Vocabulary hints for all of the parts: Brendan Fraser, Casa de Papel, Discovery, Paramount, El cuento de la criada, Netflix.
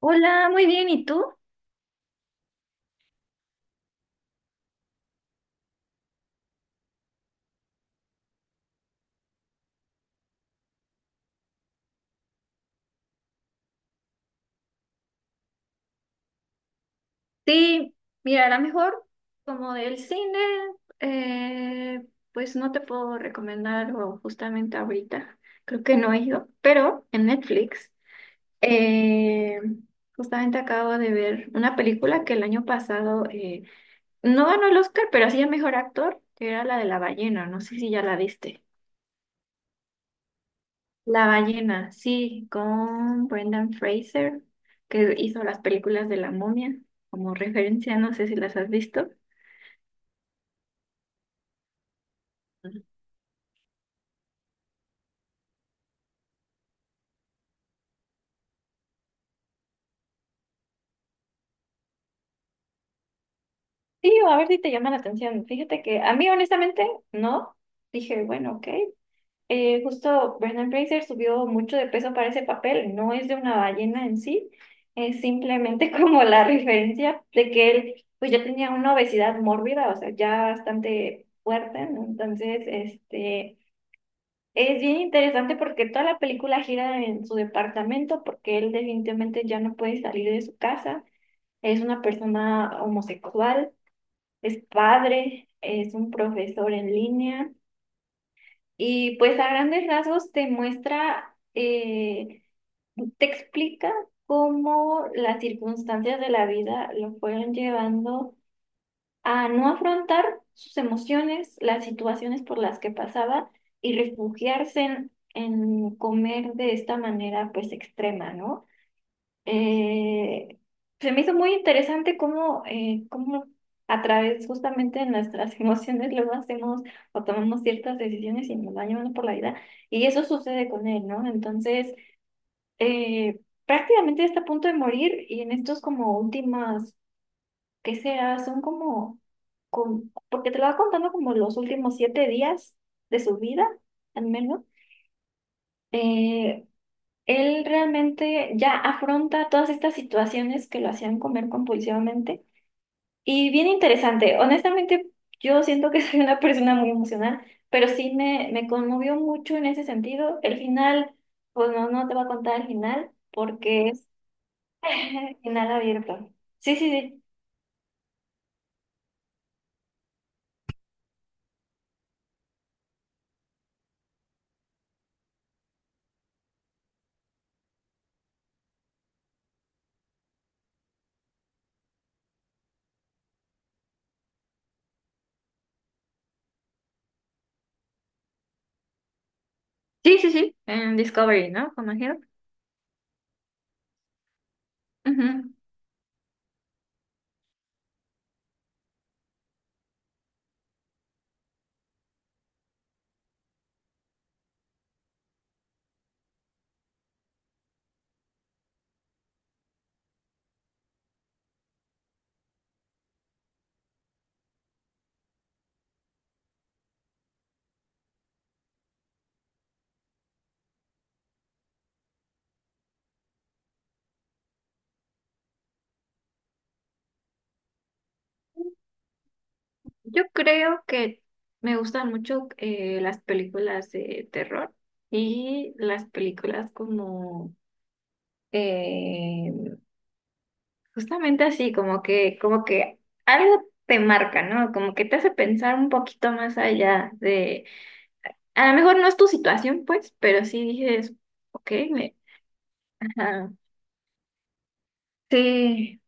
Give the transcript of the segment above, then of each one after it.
Hola, muy bien, ¿y tú? Sí, mira, a lo mejor como del cine, eh, pues no te puedo recomendar algo justamente ahorita, creo que no he ido, pero en Netflix, eh, justamente acabo de ver una película que el año pasado no ganó el Oscar, pero sí el mejor actor, que era la de la ballena, no sé si ya la viste. La ballena, sí, con Brendan Fraser, que hizo las películas de la momia como referencia, no sé si las has visto. Ujú. Sí, o a ver si te llama la atención. Fíjate que a mí honestamente no. Dije, bueno, ok. Justo Brendan Fraser subió mucho de peso para ese papel. No es de una ballena en sí, es simplemente como la referencia de que él pues ya tenía una obesidad mórbida, o sea, ya bastante fuerte, ¿no? Entonces, este... Es bien interesante porque toda la película gira en su departamento porque él definitivamente ya no puede salir de su casa. Es una persona homosexual, es padre, es un profesor en línea y pues a grandes rasgos te muestra, te explica cómo las circunstancias de la vida lo fueron llevando a no afrontar sus emociones, las situaciones por las que pasaba y refugiarse en comer de esta manera pues extrema, ¿no? Eh, se me hizo muy interesante cómo, cómo a través justamente de nuestras emociones luego hacemos o tomamos ciertas decisiones y nos va llevando por la vida y eso sucede con él, ¿no? Entonces, eh, prácticamente está a punto de morir y en estos como últimas ¿Qué será? Son como, con, porque te lo va contando como los últimos 7 días de su vida, al menos. Eh, él realmente ya afronta todas estas situaciones que lo hacían comer compulsivamente. Y bien interesante. Honestamente, yo siento que soy una persona muy emocional, pero sí me conmovió mucho en ese sentido. El final, pues no, no te voy a contar el final, porque es final abierto. Sí, sí, sí. Sí, sí, sí, en Discovery, ¿no? Con Ujú. Yo creo que me gustan mucho las películas de terror y las películas como eh, justamente así, como que algo te marca, ¿no? Como que te hace pensar un poquito más allá de, a lo mejor no es tu situación, pues, pero sí dices, ok, me, ajá, sí.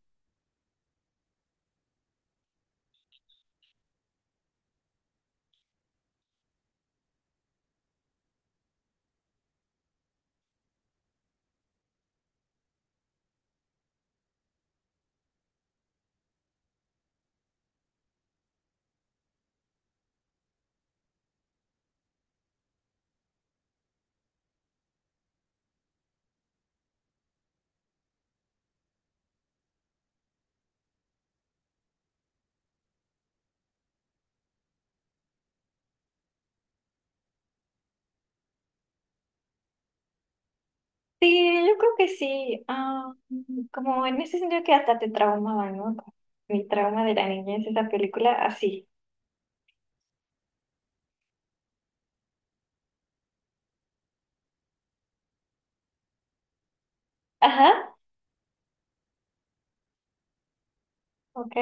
Sí, yo creo que sí. Ah, mm, como en ese sentido que hasta te traumaba, ¿no? Como mi trauma de la niñez, esa película, así. Ajá, ok.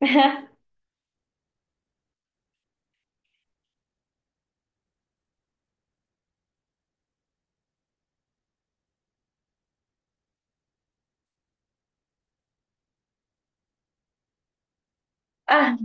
Ah,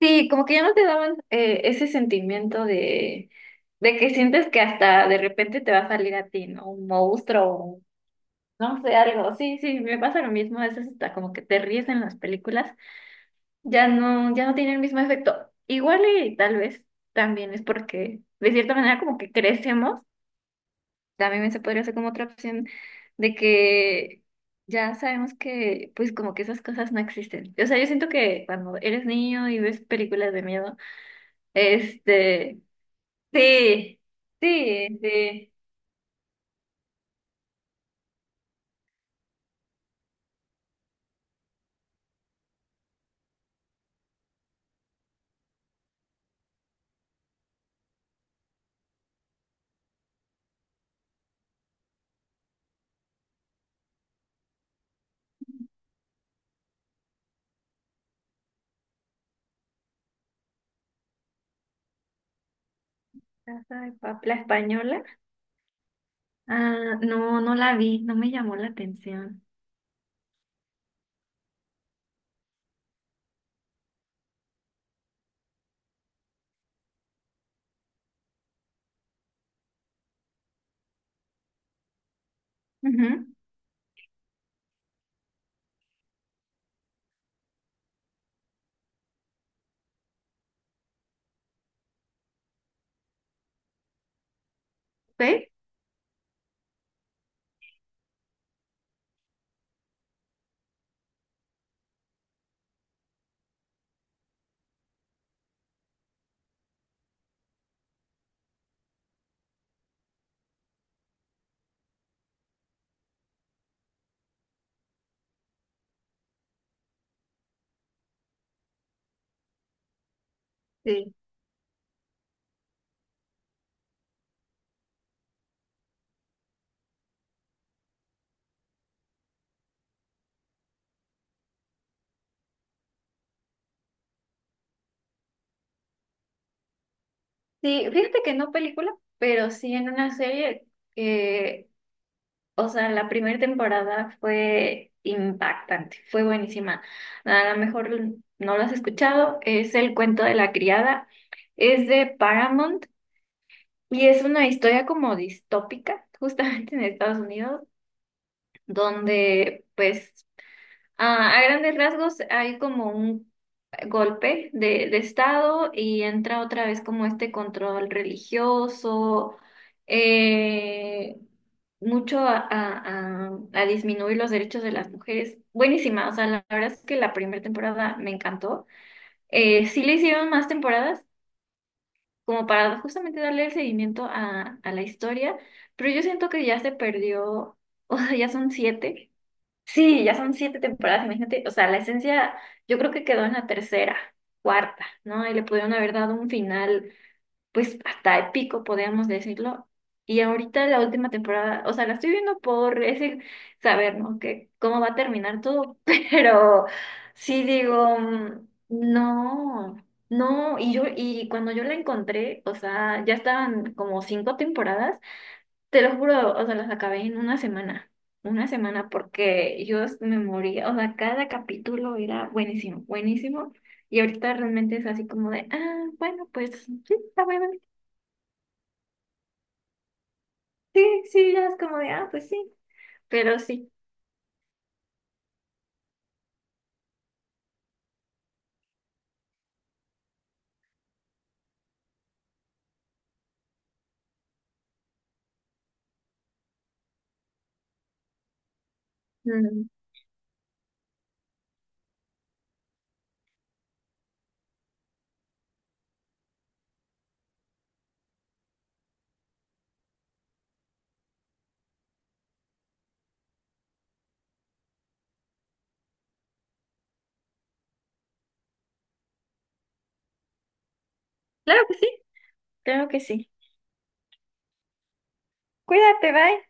sí, como que ya no te daban ese sentimiento de que sientes que hasta de repente te va a salir a ti, ¿no? Un monstruo, o no sé, algo. Sí, sí, me pasa lo mismo. A veces hasta como que te ríes en las películas ya no, ya no tiene el mismo efecto. Igual y tal vez también es porque de cierta manera como que crecemos, también se podría hacer como otra opción de que ya sabemos que pues como que esas cosas no existen. O sea, yo siento que cuando eres niño y ves películas de miedo, este, sí, sí, sí. Casa de Papel, la española. Ah, no, no la vi, no me llamó la atención. Ujú. ¿Sí? Sí, fíjate que no película, pero sí en una serie que, o sea, la primera temporada fue impactante, fue buenísima. A lo mejor no lo has escuchado, es El cuento de la criada, es de Paramount y es una historia como distópica, justamente en Estados Unidos, donde pues a grandes rasgos hay como un golpe de Estado y entra otra vez como este control religioso, eh, mucho a disminuir los derechos de las mujeres. Buenísima, o sea, la verdad es que la primera temporada me encantó. Sí le hicieron más temporadas como para justamente darle el seguimiento a la historia, pero yo siento que ya se perdió, o sea, ya son siete. Sí, ya son siete temporadas, imagínate, o sea, la esencia yo creo que quedó en la tercera, cuarta, ¿no? Y le pudieron haber dado un final, pues hasta épico, podríamos decirlo. Y ahorita la última temporada, o sea, la estoy viendo por ese saber, ¿no? Que cómo va a terminar todo, pero sí digo, mm, no, no, y yo, y cuando yo la encontré, o sea, ya estaban como cinco temporadas. Te lo juro, o sea, las acabé en una semana porque yo me moría, o sea, cada capítulo era buenísimo, buenísimo, y ahorita realmente es así como de, ah, bueno, pues sí, está bueno, sí, sí, ya es como de, ah, pues sí, pero sí, mm, claro que sí, claro que sí, cuídate, bye.